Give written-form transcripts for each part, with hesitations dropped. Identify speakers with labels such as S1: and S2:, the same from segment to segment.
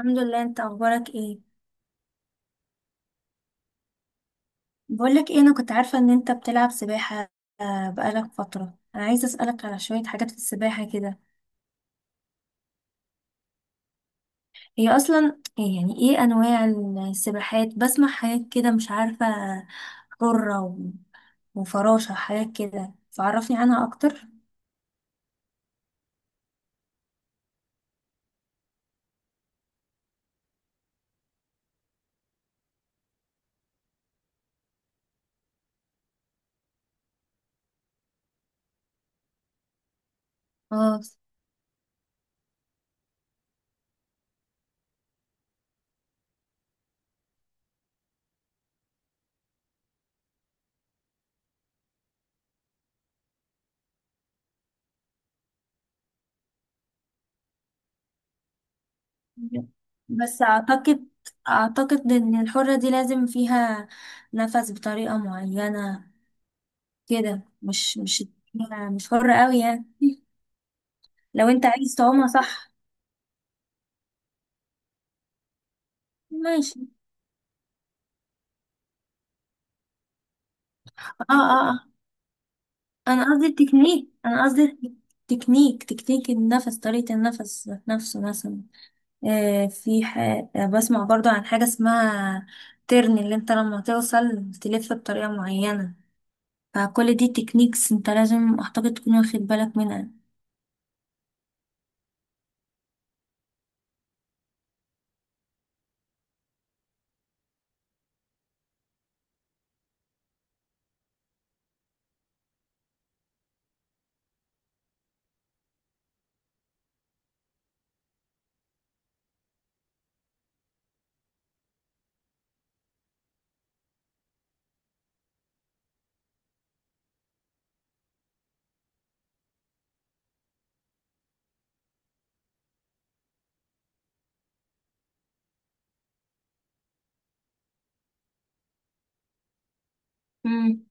S1: الحمد لله. انت اخبارك ايه؟ بقولك ايه، انا كنت عارفة ان انت بتلعب سباحة. بقالك فترة، انا عايزة اسألك على شوية حاجات في السباحة كده. هي اصلا ايه، يعني ايه انواع السباحات؟ بسمع حاجات كده مش عارفة، حرة وفراشة حاجات كده، فعرفني عنها اكتر. اه. بس اعتقد، ان الحرة دي لازم فيها نفس بطريقة معينة كده، مش حرة قوي يعني، لو انت عايز تعومها صح. ماشي. اه، اه، اه. انا قصدي التكنيك، انا قصدي تكنيك النفس، طريقة النفس نفسه مثلا. آه في ح... بسمع برضو عن حاجة اسمها ترن، اللي انت لما توصل تلف بطريقة معينة. فكل دي تكنيكس، انت لازم اعتقد تكون واخد بالك منها. مم.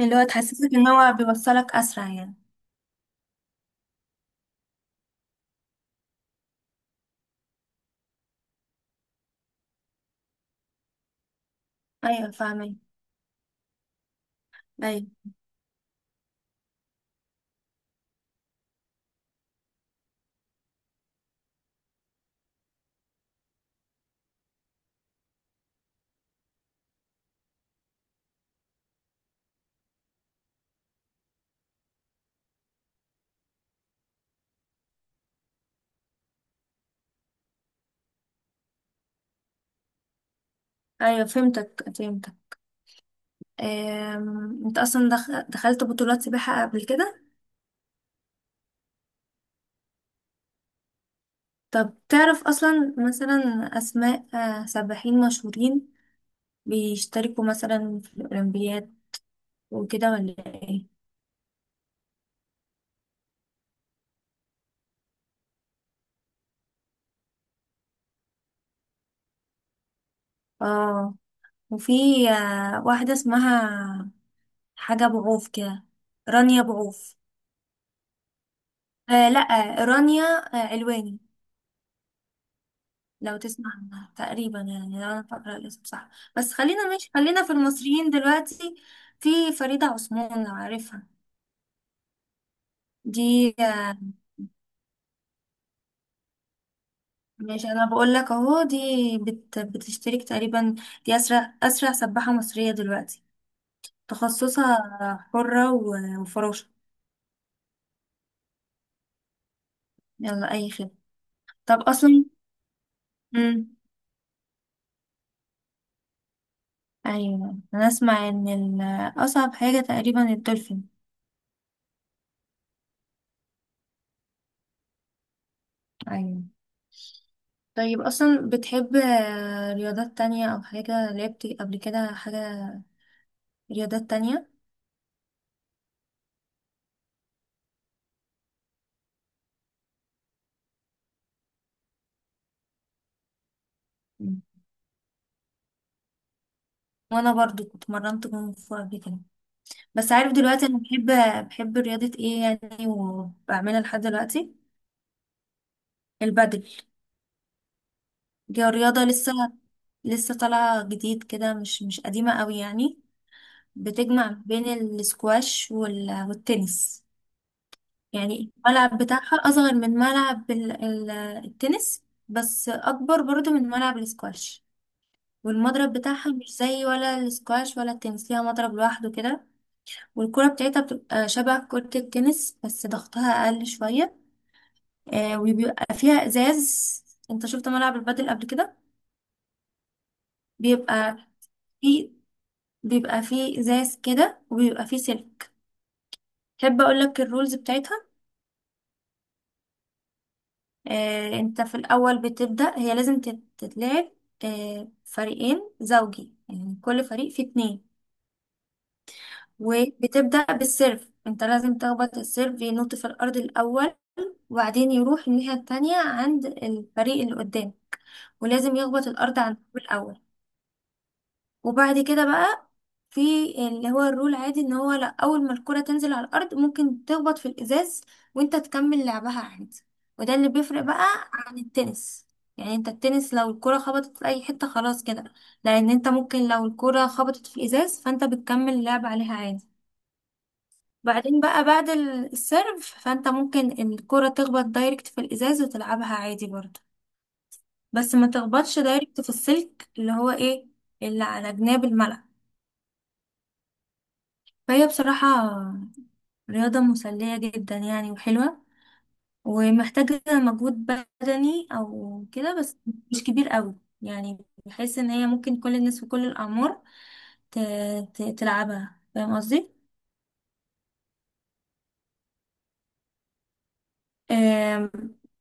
S1: اللي هو تحسسك ان هو بيوصلك اسرع يعني. ايوه، فاهمين. ايوه، ايوه، فهمتك، فهمتك. انت اصلا دخلت بطولات سباحة قبل كده؟ طب تعرف أصلا مثلا أسماء سباحين مشهورين بيشتركوا مثلا في الأولمبياد وكده ولا إيه؟ آه. وفي واحدة اسمها حاجة بعوف كده، رانيا بعوف. آه، لأ. رانيا علواني، لو تسمع عنها تقريبا، يعني لو أنا فاكرة الاسم صح. بس خلينا مش خلينا في المصريين دلوقتي. في فريدة عثمان، لو عارفها، دي آه، ماشي، انا بقول لك اهو، دي بتشترك تقريبا، دي اسرع سباحة مصرية دلوقتي، تخصصها حرة وفراشة. يلا، اي خدمة. طب اصلا، امم ايوه، انا اسمع ان اصعب حاجة تقريبا الدولفين. ايوه. طيب اصلا بتحب رياضات تانية او حاجة لعبت قبل كده، حاجة رياضات تانية؟ مم. وانا برضو اتمرنت كونغ فو قبل كده. بس عارف دلوقتي انا بحب رياضة ايه يعني وبعملها لحد دلوقتي؟ البادل. دي رياضة لسه طالعة جديد كده، مش قديمة قوي يعني، بتجمع بين السكواش والتنس. يعني الملعب بتاعها أصغر من ملعب التنس، بس أكبر برضو من ملعب السكواش. والمضرب بتاعها مش زي ولا السكواش ولا التنس، ليها مضرب لوحده كده. والكرة بتاعتها بتبقى شبه كرة التنس، بس ضغطها أقل شوية. وبيبقى فيها ازاز. انت شفت ملعب البادل قبل كده؟ بيبقى فيه بيبقى فيه ازاز كده، وبيبقى فيه سلك. تحب اقول لك الرولز بتاعتها؟ انت في الاول بتبدأ، هي لازم تتلعب فريقين زوجي، يعني كل فريق فيه اتنين. وبتبدأ بالسيرف، انت لازم تخبط السيرف ينط في الارض الاول، وبعدين يروح الناحية التانية عند الفريق اللي قدام، ولازم يخبط الارض عند الأول. وبعد كده بقى في اللي هو الرول عادي، ان هو لا، اول ما الكرة تنزل على الارض ممكن تخبط في الازاز وانت تكمل لعبها عادي. وده اللي بيفرق بقى عن التنس. يعني انت التنس لو الكرة خبطت في اي حتة خلاص كده، لان انت ممكن لو الكرة خبطت في الازاز فانت بتكمل اللعب عليها عادي. بعدين بقى بعد السيرف، فانت ممكن الكرة تخبط دايركت في الازاز وتلعبها عادي برضه، بس ما تخبطش دايركت في السلك، اللي هو ايه؟ اللي على جناب الملعب. فهي بصراحة رياضة مسلية جدا يعني وحلوة، ومحتاجة مجهود بدني أو كده، بس مش كبير قوي يعني، بحيث إن هي ممكن كل الناس في كل الأعمار ت- تلعبها، فاهم قصدي؟ آم،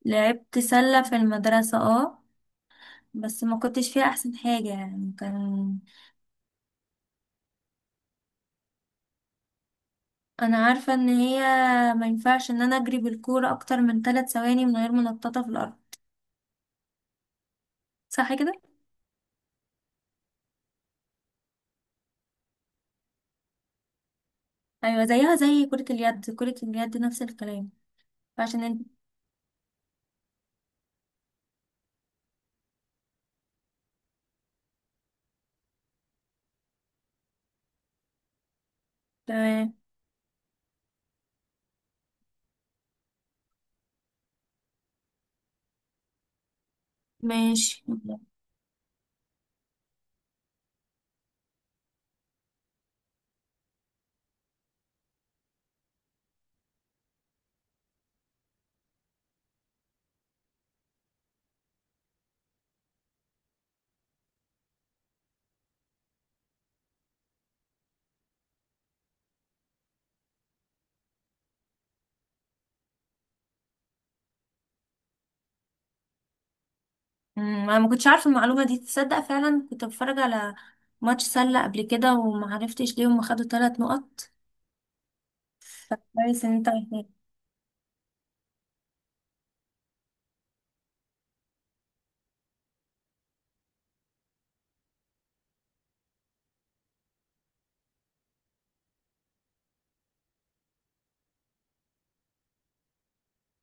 S1: لعبت سلة في المدرسة اه، بس ما كنتش فيها أحسن حاجة يعني، كان. أنا عارفة إن هي ما ينفعش إن أنا أجري بالكورة أكتر من 3 ثواني من غير منططة في الأرض، صح كده؟ أيوة، زيها زي كرة اليد، كرة اليد نفس الكلام، عشان. انت. ماشي. انا ما كنتش عارفه المعلومه دي، تصدق فعلا كنت بتفرج على ماتش سله قبل كده وما عرفتش ليه هم خدوا 3 نقط، فكويس ان انت قلتها.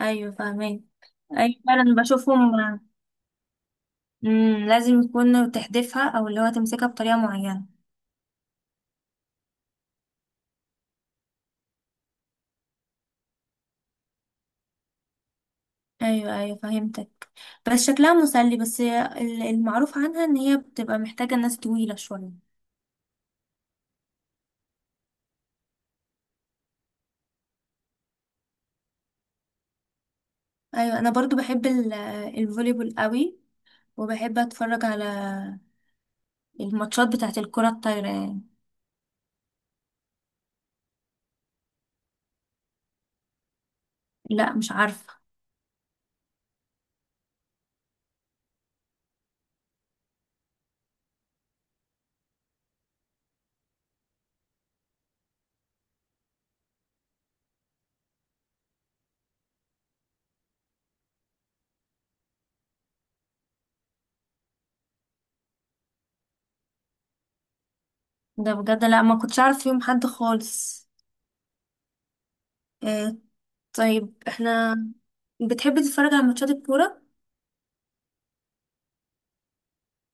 S1: ايوه، فاهمين. ايوه، فعلا بشوفهم. لازم يكون تحدفها، او اللي هو تمسكها بطريقه معينه. ايوه، ايوه، فهمتك. بس شكلها مسلي، بس المعروف عنها ان هي بتبقى محتاجه ناس طويله شويه. ايوه، انا برضو بحب الفوليبول قوي، وبحب اتفرج على الماتشات بتاعت الكره الطايره يعني. لا، مش عارفة. ده بجد لا، ما كنتش عارف فيهم حد خالص. آه. طيب احنا بتحبي تتفرج على ماتشات الكورة؟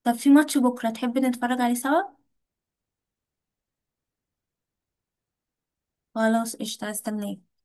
S1: طب في ماتش بكرة تحبي نتفرج عليه سوا؟ خلاص، قشطة، هستناك.